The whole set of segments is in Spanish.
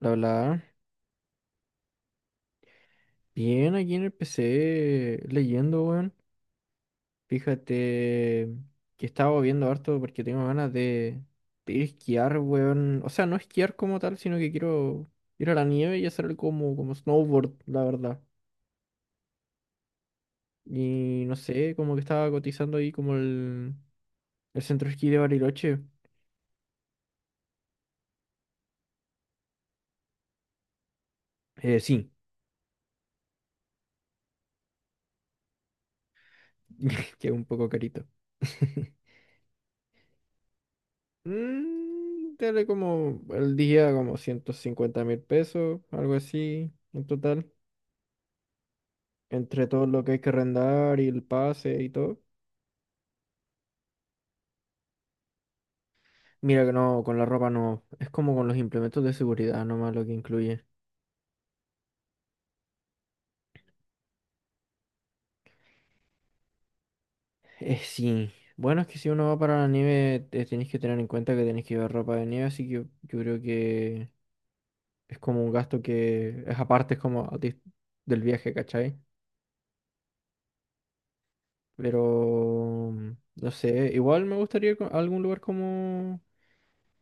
La verdad, bien aquí en el PC leyendo, weón. Fíjate que estaba viendo harto porque tengo ganas de ir a esquiar, weón. O sea, no esquiar como tal, sino que quiero ir a la nieve y hacer como snowboard, la verdad. Y no sé, como que estaba cotizando ahí como el centro de esquí de Bariloche. Sí, que es un poco carito. Dale como el día como 150.000 pesos, algo así, en total. Entre todo lo que hay que arrendar y el pase y todo. Mira que no, con la ropa no. Es como con los implementos de seguridad nomás lo que incluye. Sí. Bueno, es que si uno va para la nieve, tenéis que tener en cuenta que tenéis que llevar ropa de nieve, así que yo creo que es como un gasto que es aparte, es como del viaje, ¿cachai? Pero, no sé, igual me gustaría ir a algún lugar como,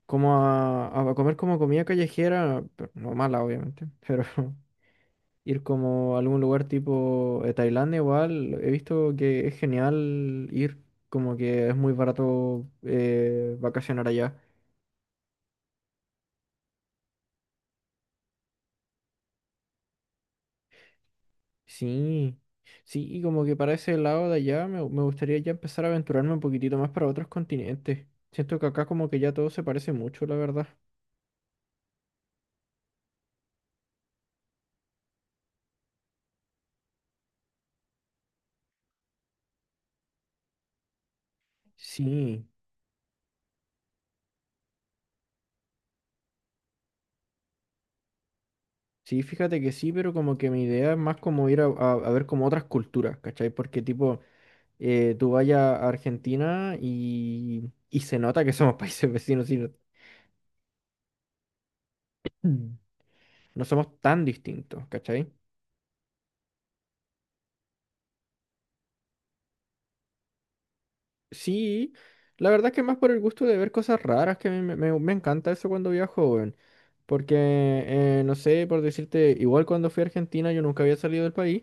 como a comer como comida callejera, pero no mala, obviamente, pero ir como a algún lugar tipo Tailandia igual, he visto que es genial ir, como que es muy barato vacacionar allá. Sí, sí, y como que para ese lado de allá me gustaría ya empezar a aventurarme un poquitito más para otros continentes. Siento que acá como que ya todo se parece mucho, la verdad. Sí, sí, fíjate que sí, pero como que mi idea es más como ir a ver como otras culturas, ¿cachai? Porque tipo, tú vayas a Argentina y se nota que somos países vecinos y no. Mm. No somos tan distintos, ¿cachai? Sí, la verdad es que más por el gusto de ver cosas raras, que a mí me encanta eso cuando viajo, weón. Porque, no sé, por decirte, igual cuando fui a Argentina yo nunca había salido del país.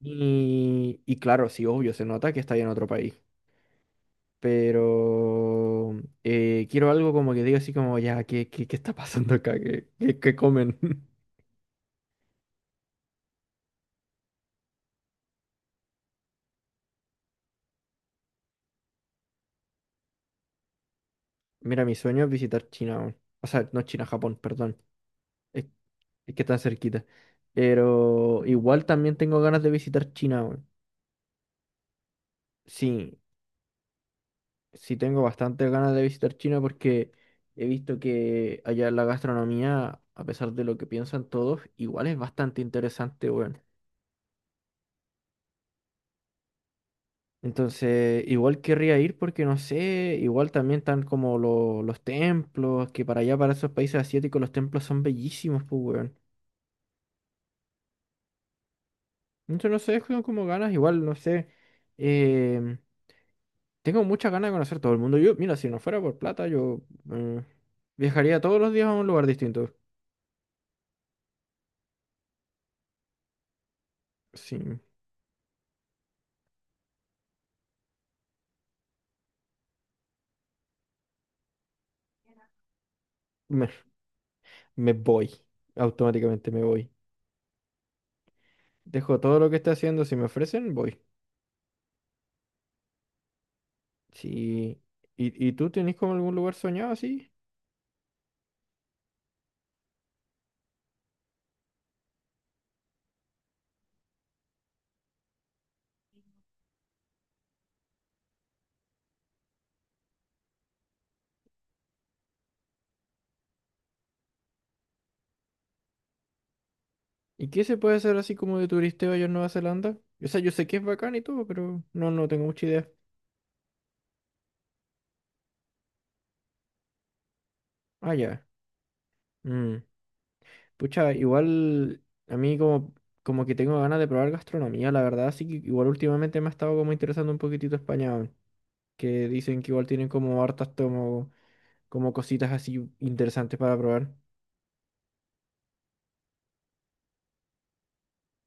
Y claro, sí, obvio, se nota que está en otro país. Pero quiero algo como que diga así como, ya, ¿qué está pasando acá? ¿Qué comen? Mira, mi sueño es visitar China, weón. O sea, no China, Japón, perdón. Es, es que está cerquita. Pero igual también tengo ganas de visitar China, weón. Sí, sí tengo bastantes ganas de visitar China porque he visto que allá la gastronomía, a pesar de lo que piensan todos, igual es bastante interesante, weón. Entonces, igual querría ir porque no sé, igual también están como los templos, que para allá, para esos países asiáticos, los templos son bellísimos, pues, weón. Entonces, no sé, tengo como ganas, igual, no sé. em, Tengo muchas ganas de conocer todo el mundo. Yo, mira, si no fuera por plata, yo eh, viajaría todos los días a un lugar distinto. Sí, me, me voy. Automáticamente me voy. Dejo todo lo que esté haciendo, si me ofrecen, voy. Sí. ¿Y tú tenés como algún lugar soñado así? ¿Y qué se puede hacer así como de turisteo allá en Nueva Zelanda? O sea, yo sé que es bacán y todo, pero no, no tengo mucha idea. Ah, ya. Mm. Pucha, igual a mí como que tengo ganas de probar gastronomía, la verdad, así que igual últimamente me ha estado como interesando un poquitito España, weón, que dicen que igual tienen como hartas como cositas así interesantes para probar.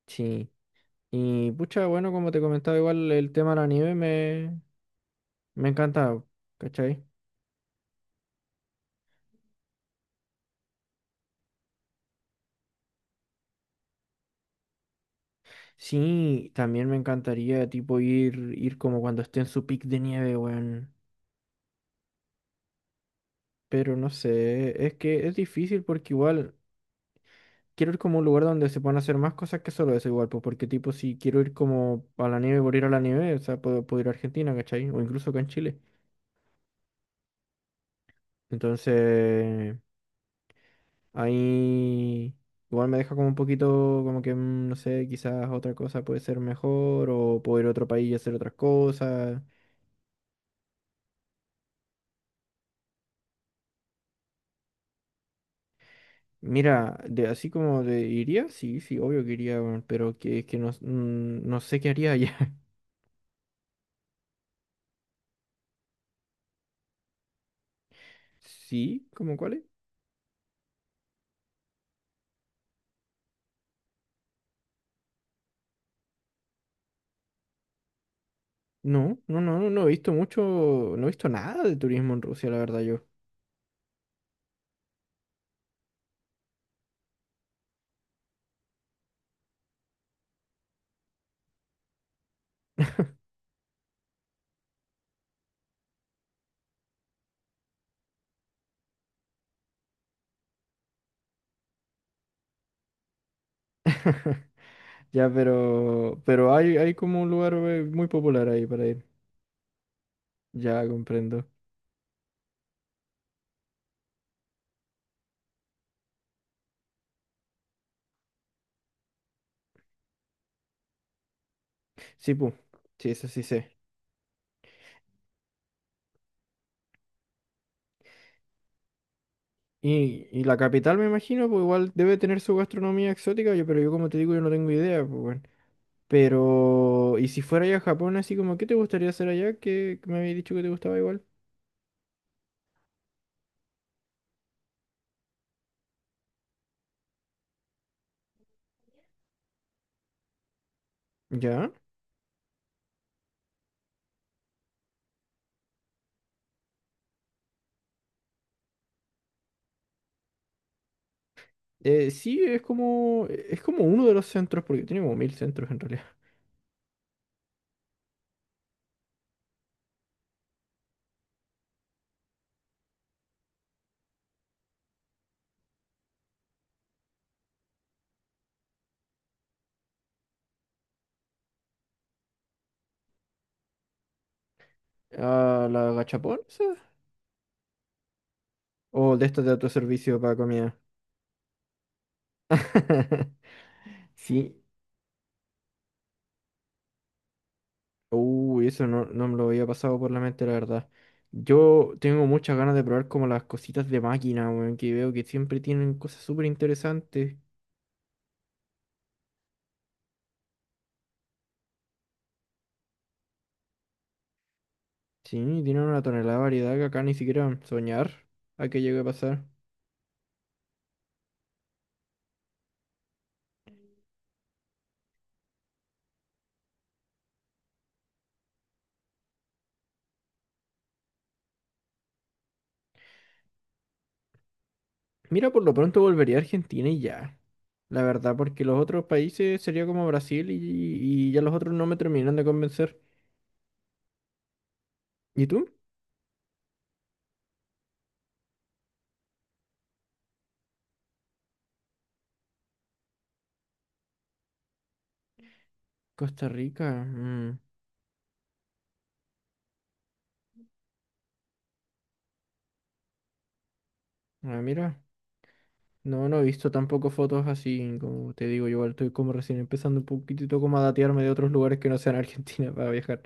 Sí. Y pucha, bueno, como te comentaba, igual el tema de la nieve me encanta, ¿cachai? Sí, también me encantaría tipo ir como cuando esté en su pic de nieve, weón. Pero no sé, es que es difícil porque igual. Quiero ir como a un lugar donde se puedan hacer más cosas que solo eso igual, pues porque tipo si quiero ir como a la nieve por ir a la nieve, o sea, puedo ir a Argentina, ¿cachai? O incluso acá en Chile. Entonces, ahí igual me deja como un poquito como que, no sé, quizás otra cosa puede ser mejor o puedo ir a otro país y hacer otras cosas. Mira, de así como de iría, sí, sí, obvio que iría, weón, pero que es que no, no sé qué haría allá. Sí, ¿cómo cuál? No, no, no, no, no he visto mucho, no he visto nada de turismo en Rusia, la verdad yo. Ya, pero hay como un lugar muy popular ahí para ir. Ya comprendo. Sí, pues, sí, eso sí sé. Y la capital, me imagino, pues igual debe tener su gastronomía exótica, yo, pero yo como te digo, yo no tengo idea, pues bueno. Pero, y si fuera ya a Japón, así como, ¿qué te gustaría hacer allá? Que me habías dicho que te gustaba igual. ¿Ya? Sí, es como uno de los centros, porque tiene como mil centros en realidad. Ah, ¿la gachapón? ¿Esa? ¿O de estas de autoservicio para comida? Sí. Uy, eso no, no me lo había pasado por la mente, la verdad. Yo tengo muchas ganas de probar como las cositas de máquina, weón, que veo que siempre tienen cosas súper interesantes. Sí, tienen una tonelada de variedad que acá ni siquiera soñar a que llegue a pasar. Mira, por lo pronto volvería a Argentina y ya. La verdad, porque los otros países sería como Brasil y ya los otros no me terminan de convencer. ¿Y tú? Costa Rica. Mm. Ah, mira. No, no he visto tampoco fotos así, como te digo, yo igual estoy como recién empezando un poquitito como a datearme de otros lugares que no sean Argentina para viajar.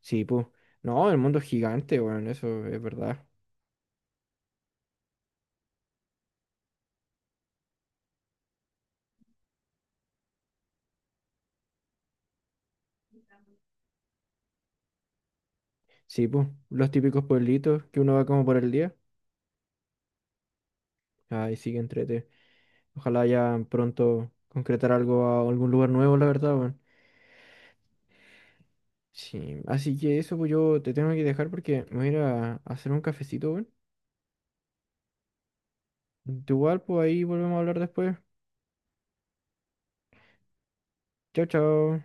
Sí, pues. No, el mundo es gigante, bueno, eso es verdad. Sí, pues. Los típicos pueblitos que uno va como por el día. Ay, sí, que entrete. Ojalá ya pronto concretar algo a algún lugar nuevo, la verdad, bueno. Sí, así que eso, pues yo te tengo que dejar porque me voy a ir a hacer un cafecito, bueno. Igual, pues ahí volvemos a hablar después. Chao, chao.